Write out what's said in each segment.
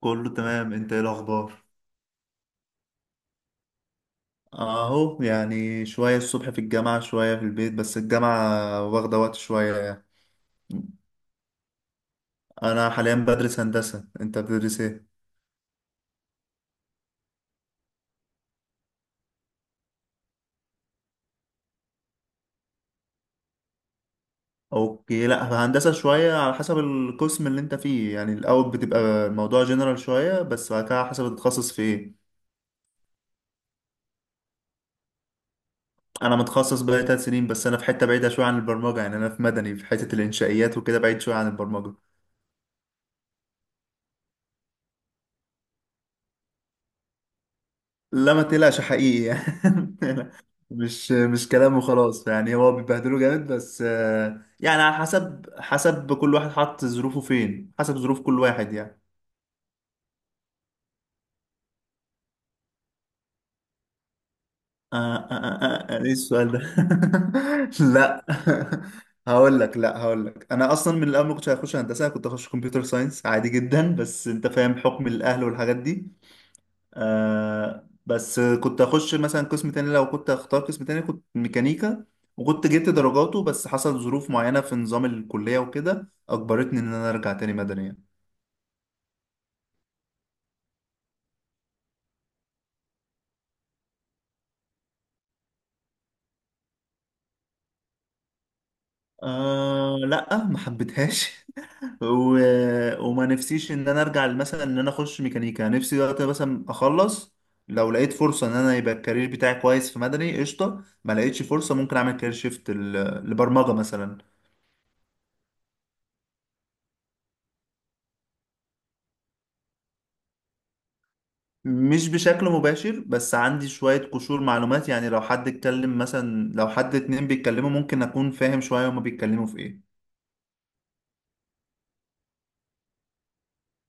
كله تمام، انت ايه الاخبار؟ اهو، يعني شوية الصبح في الجامعة، شوية في البيت، بس الجامعة واخدة وقت شوية يعني. انا حاليا بدرس هندسة، انت بتدرس ايه؟ اوكي، لا، في هندسة شوية على حسب القسم اللي انت فيه. يعني الاول بتبقى موضوع جنرال شوية، بس بعد كده على حسب تتخصص في ايه. انا متخصص بقالي 3 سنين، بس انا في حتة بعيدة شوية عن البرمجة. يعني انا في مدني، في حتة الانشائيات وكده، بعيد شوية عن البرمجة. لا، ما تقلقش، حقيقي يعني. مش كلام وخلاص، يعني هو بيبهدله جامد، بس يعني على حسب كل واحد حط ظروفه فين، حسب ظروف كل واحد يعني. ايه السؤال ده؟ لا. هقول لك، لا، هقول لك انا اصلا من الاول ما كنتش هخش هندسه، كنت هخش كمبيوتر ساينس عادي جدا، بس انت فاهم حكم الاهل والحاجات دي. بس كنت اخش مثلا قسم تاني، لو كنت اختار قسم تاني كنت ميكانيكا وكنت جبت درجاته، بس حصل ظروف معينة في نظام الكلية وكده اجبرتني ان انا ارجع تاني مدني. لا، ما حبيتهاش. و... وما نفسيش ان انا ارجع مثلا ان انا اخش ميكانيكا. نفسي دلوقتي مثلا اخلص. لو لقيت فرصة ان انا يبقى الكارير بتاعي كويس في مدني، قشطة. ما لقيتش فرصة، ممكن اعمل كارير شيفت ل- لبرمجة مثلا. مش بشكل مباشر، بس عندي شوية قشور معلومات. يعني لو حد اتكلم مثلا، لو حد اتنين بيتكلموا ممكن أكون فاهم شوية هما بيتكلموا في إيه.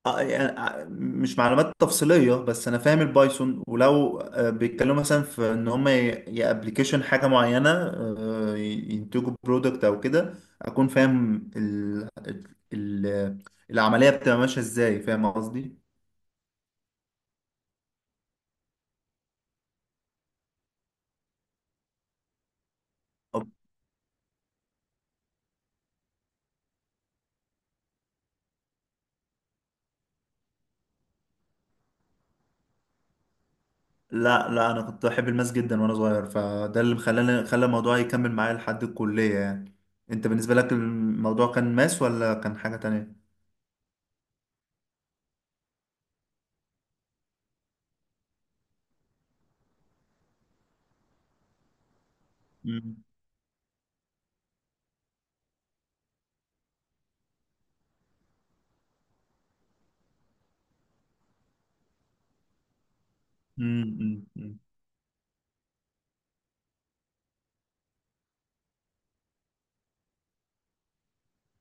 يعني مش معلومات تفصيلية، بس أنا فاهم البايثون. ولو بيتكلموا مثلا في إن هما يا ابلكيشن حاجة معينة، ينتجوا برودكت أو كده، أكون فاهم ال- العملية بتبقى ماشية إزاي. فاهم قصدي؟ لا لا، انا كنت بحب الماس جدا وانا صغير، فده اللي خلى الموضوع يكمل معايا لحد الكلية يعني. انت بالنسبة لك الموضوع كان ماس ولا كان حاجة تانية؟ مم. مم. مم.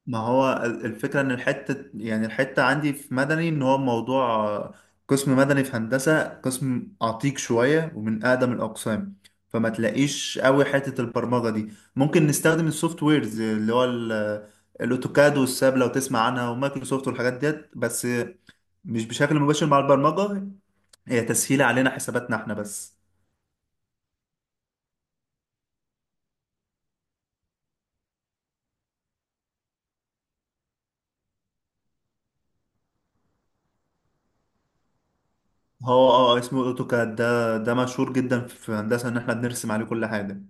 ما هو ال- الفكرة إن الحتة، يعني الحتة عندي في مدني إن هو موضوع، قسم مدني في هندسة قسم عتيق شوية ومن أقدم الأقسام. فما تلاقيش قوي حتة البرمجة دي. ممكن نستخدم السوفت ويرز اللي هو ال- الأوتوكاد والساب لو تسمع عنها، ومايكروسوفت والحاجات ديت، بس مش بشكل مباشر مع البرمجة. هي تسهيل علينا حساباتنا احنا بس. هو اسمه أوتوكاد. ده مشهور جدا في هندسة إن احنا بنرسم عليه كل حاجة.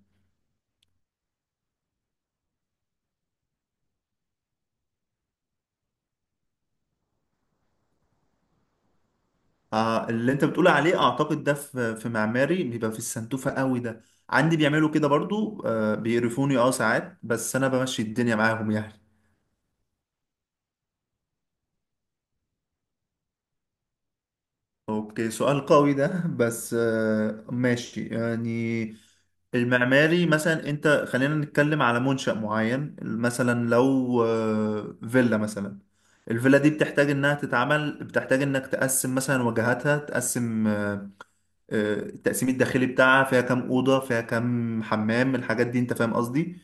اللي انت بتقول عليه اعتقد ده في معماري بيبقى في السنتوفة قوي ده. عندي بيعملوا كده برضو، بيقرفوني ساعات، بس انا بمشي الدنيا معاهم يعني. اوكي، سؤال قوي ده، بس ماشي يعني. المعماري مثلا، انت خلينا نتكلم على منشأ معين. مثلا لو فيلا مثلا. الفيلا دي بتحتاج انها تتعمل، بتحتاج انك تقسم مثلا واجهاتها، تقسم التقسيم الداخلي بتاعها، فيها كام اوضه فيها كام حمام الحاجات دي. انت فاهم قصدي؟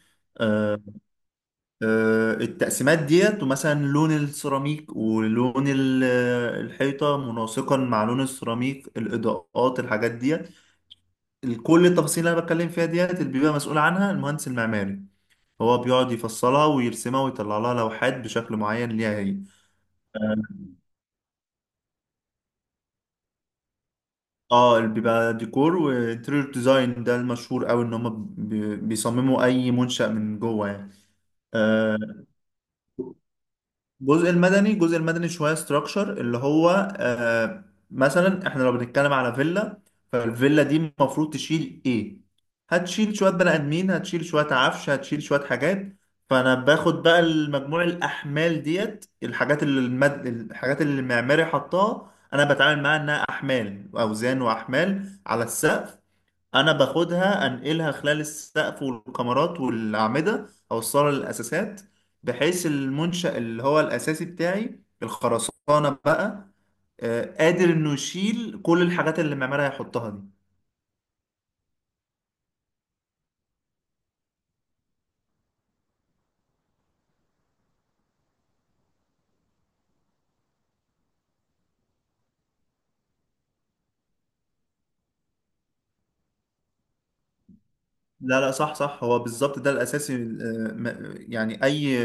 التقسيمات ديت، ومثلا لون السيراميك ولون ال- الحيطه مناسقا مع لون السيراميك، الاضاءات، الحاجات ديت. كل التفاصيل اللي انا بتكلم فيها ديت اللي بيبقى مسؤول عنها المهندس المعماري، هو بيقعد يفصلها ويرسمها ويطلع لها لوحات بشكل معين ليها هي. اه اللي بيبقى ديكور وانتريور ديزاين ده المشهور قوي ان هم بيصمموا اي منشأ من جوه يعني. الجزء المدني شويه ستراكشر، اللي هو آه مثلا احنا لو بنتكلم على فيلا، فالفيلا دي المفروض تشيل ايه. هتشيل شويه بني ادمين، هتشيل شويه عفش، هتشيل شويه حاجات. فانا باخد بقى المجموع، الاحمال ديت، الحاجات اللي الحاجات اللي المعماري حطها، انا بتعامل معاها انها احمال، اوزان واحمال على السقف. انا باخدها انقلها خلال السقف والكمرات والاعمده اوصلها للاساسات، بحيث المنشأ اللي هو الاساسي بتاعي، الخرسانه بقى، قادر انه يشيل كل الحاجات اللي المعمار هيحطها دي. لا لا، صح صح، هو بالظبط ده الاساسي. يعني اي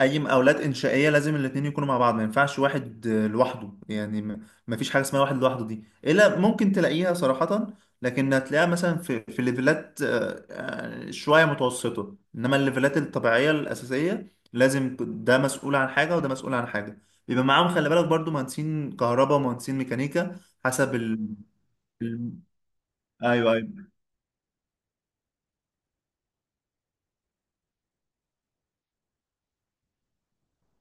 اي مقاولات انشائيه لازم الاتنين يكونوا مع بعض، ما ينفعش واحد لوحده يعني، ما فيش حاجه اسمها واحد لوحده. دي الا ممكن تلاقيها صراحه، لكن هتلاقيها مثلا في ليفلات شويه متوسطه، انما الليفلات الطبيعيه الاساسيه لازم ده مسؤول عن حاجه وده مسؤول عن حاجه. بيبقى معاهم خلي بالك برضو مهندسين كهرباء ومهندسين ميكانيكا حسب ال... ايوه ايوه،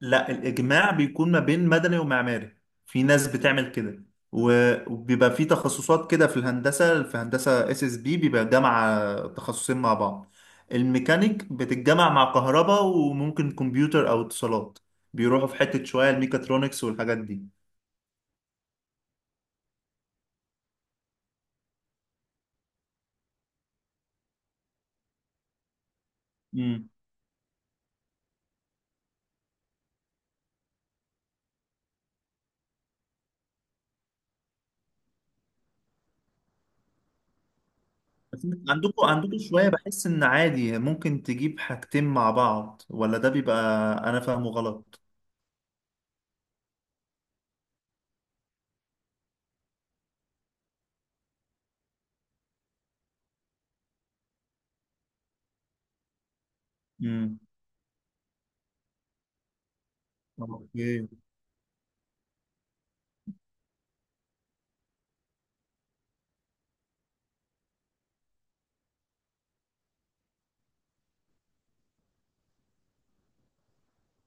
لا، الإجماع بيكون ما بين مدني ومعماري. في ناس بتعمل كده، و- وبيبقى في تخصصات كده في الهندسة. في هندسة اس اس بي بيبقى جامعة تخصصين مع بعض. الميكانيك بتتجمع مع كهرباء، وممكن كمبيوتر أو اتصالات. بيروحوا في حتة شوية الميكاترونكس والحاجات دي. امم بس عندكم شوية بحس إن عادي ممكن تجيب حاجتين مع بعض، ولا ده بيبقى أنا فاهمه غلط؟ امم اوكي،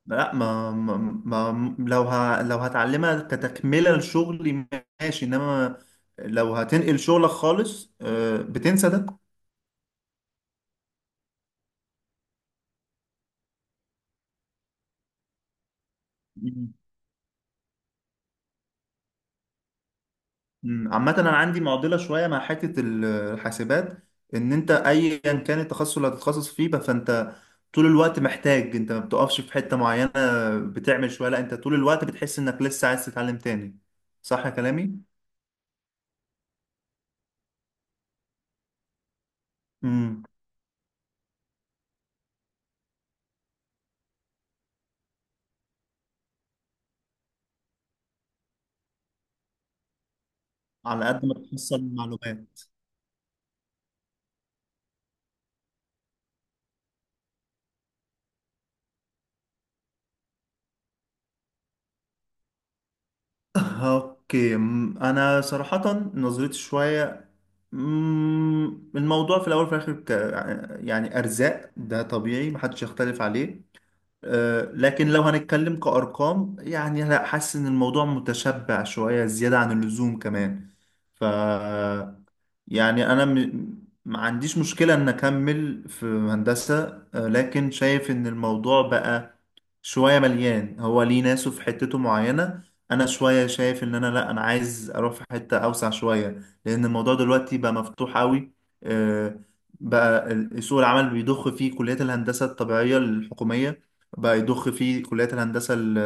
لا، ما لو لو هتعلمها كتكملة لشغلي ماشي، انما لو هتنقل شغلك خالص، بتنسى ده. مم. مم. عامة انا عندي معضلة شوية مع حتة ال- الحاسبات. ان انت ايا كان التخصص اللي هتتخصص فيه بقى فانت طول الوقت محتاج. انت ما بتقفش في حتة معينة بتعمل شوية، لا، انت طول الوقت بتحس انك لسه عايز تتعلم تاني. صح يا كلامي؟ مم. على قد ما تحصل المعلومات. اوكي. انا صراحة نظرتي شوية، أم، الموضوع في الاول وفي الاخر يعني ارزاق ده طبيعي محدش يختلف عليه. لكن لو هنتكلم كأرقام يعني، لا، حاسس ان الموضوع متشبع شوية زيادة عن اللزوم كمان. ف يعني انا ما عنديش مشكلة ان اكمل في هندسة. لكن شايف ان الموضوع بقى شوية مليان، هو ليه ناسه في حتته معينة. أنا شوية شايف إن أنا لأ، أنا عايز أروح في حتة أوسع شوية، لأن الموضوع دلوقتي بقى مفتوح أوي. آه، بقى سوق العمل بيضخ فيه كليات الهندسة الطبيعية الحكومية، بقى يضخ فيه كليات الهندسة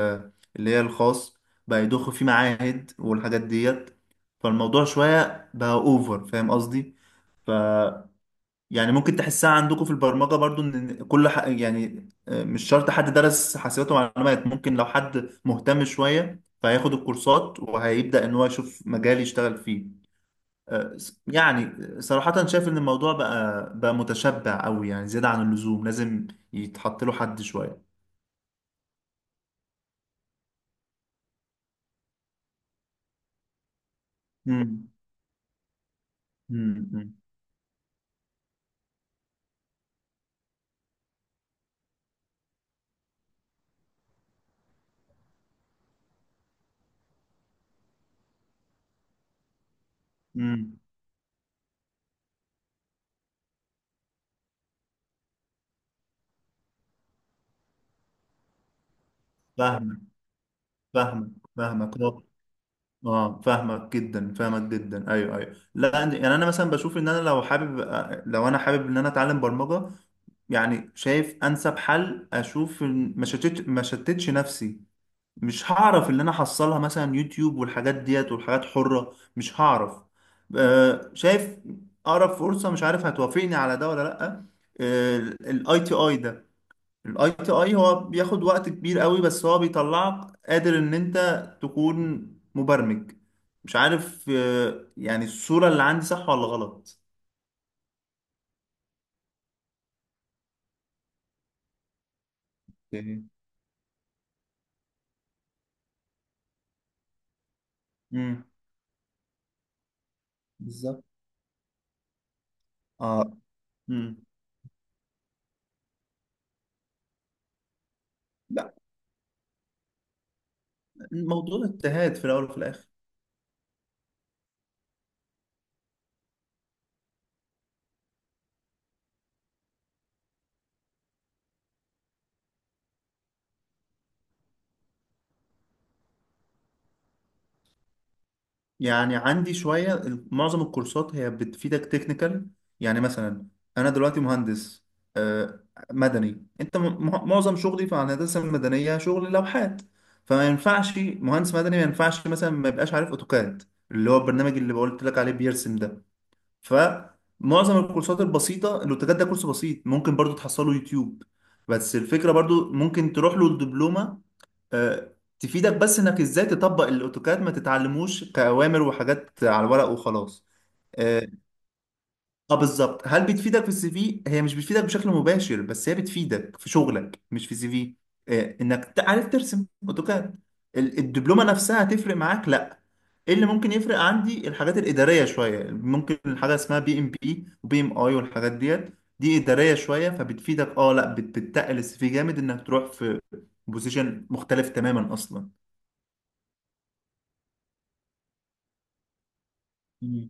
اللي هي الخاص، بقى يضخ فيه معاهد والحاجات ديت. فالموضوع شوية بقى أوفر. فاهم قصدي؟ يعني ممكن تحسها عندكم في البرمجة برضو ان كل يعني مش شرط حد درس حاسبات ومعلومات. ممكن لو حد مهتم شوية فهياخد الكورسات وهيبدأ ان هو يشوف مجال يشتغل فيه. يعني صراحة شايف ان الموضوع بقى متشبع قوي، يعني زيادة عن اللزوم لازم يتحط له حد شوية. امم امم امم، فاهمك، فاهمك، فاهمك. اه، فاهمك جدا، فاهمك جدا، ايوه ايوه، لا، يعني انا مثلا بشوف ان انا لو حابب، لو انا حابب ان انا اتعلم برمجه، يعني شايف انسب حل، اشوف ما شتتش نفسي. مش هعرف اللي انا حصلها مثلا يوتيوب والحاجات ديت والحاجات حره، مش هعرف. شايف اقرب فرصه، مش عارف هتوافقني على ده ولا لا. الاي تي اي ده، الاي تي اي هو بياخد وقت كبير قوي، بس هو بيطلعك قادر ان انت تكون مبرمج. مش عارف يعني الصورة اللي عندي صح ولا غلط. اوكي. امم. بالظبط. آه. امم. لا، الموضوع اجتهاد في الاول وفي الاخر. يعني عندي شوية معظم الكورسات هي بتفيدك تكنيكال. يعني مثلا، أنا دلوقتي مهندس آه، مدني. معظم شغلي في الهندسة المدنية شغل لوحات. فما ينفعش مهندس مدني، ما ينفعش مثلا ما يبقاش عارف أوتوكاد، اللي هو البرنامج اللي قلت لك عليه بيرسم ده. فمعظم الكورسات البسيطة، الأوتوكاد ده كورس بسيط ممكن برضو تحصله يوتيوب. بس الفكرة برضو ممكن تروح له الدبلومة، آه، تفيدك بس انك ازاي تطبق الاوتوكاد، ما تتعلموش كأوامر وحاجات على الورق وخلاص. اه، بالظبط. هل بتفيدك في السي في؟ هي مش بتفيدك بشكل مباشر، بس هي بتفيدك في شغلك مش في سي في، انك تعرف ترسم اوتوكاد. ال- الدبلومه نفسها هتفرق معاك؟ لا. ايه اللي ممكن يفرق عندي الحاجات الاداريه شويه، ممكن الحاجه اسمها PMP وبي ام اي والحاجات ديت. دي اداريه شويه، فبتفيدك. اه لا، بتتقل السي في جامد انك تروح في بوزيشن مختلف تماما اصلا. مم.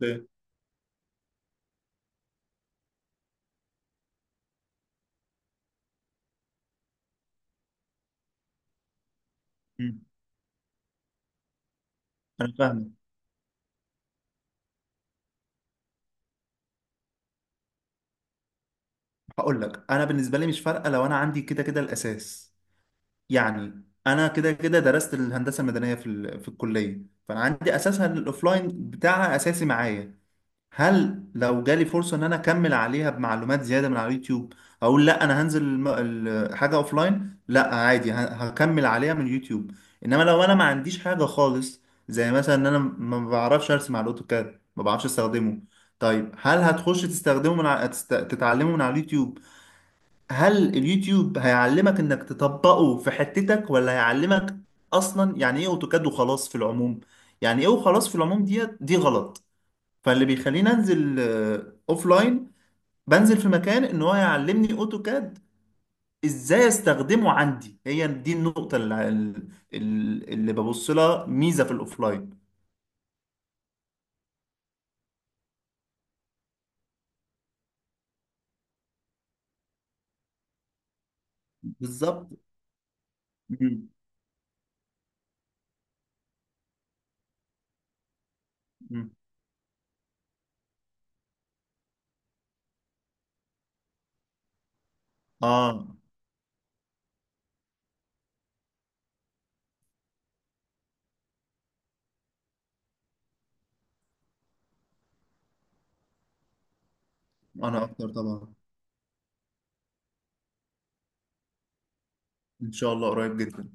ده- مم. انا فاهمك. هقول لك، انا بالنسبه لي مش فارقه لو انا عندي كده كده الاساس، يعني انا كده كده درست الهندسه المدنيه في في الكليه. فانا عندي اساسها، الاوفلاين بتاعها اساسي معايا. هل لو جالي فرصة ان انا اكمل عليها بمعلومات زيادة من على اليوتيوب اقول لا انا هنزل حاجة اوفلاين؟ لا، عادي ه- هكمل عليها من اليوتيوب. انما لو انا ما عنديش حاجة خالص، زي مثلا ان انا ما بعرفش ارسم على الاوتوكاد، ما بعرفش استخدمه، طيب هل هتخش تستخدمه من على تتعلمه من على اليوتيوب؟ هل اليوتيوب هيعلمك انك تطبقه في حتتك، ولا هيعلمك اصلا يعني ايه اوتوكاد وخلاص في العموم؟ يعني ايه وخلاص في العموم ديت دي غلط. فاللي بيخليني انزل اوف لاين، بنزل في مكان ان هو يعلمني اوتوكاد ازاي استخدمه، عندي هي دي النقطة اللي ببص لها ميزة في الاوفلاين. بالظبط. مم. مم. اه، انا اكتر طبعا. ان شاء الله قريب جدا.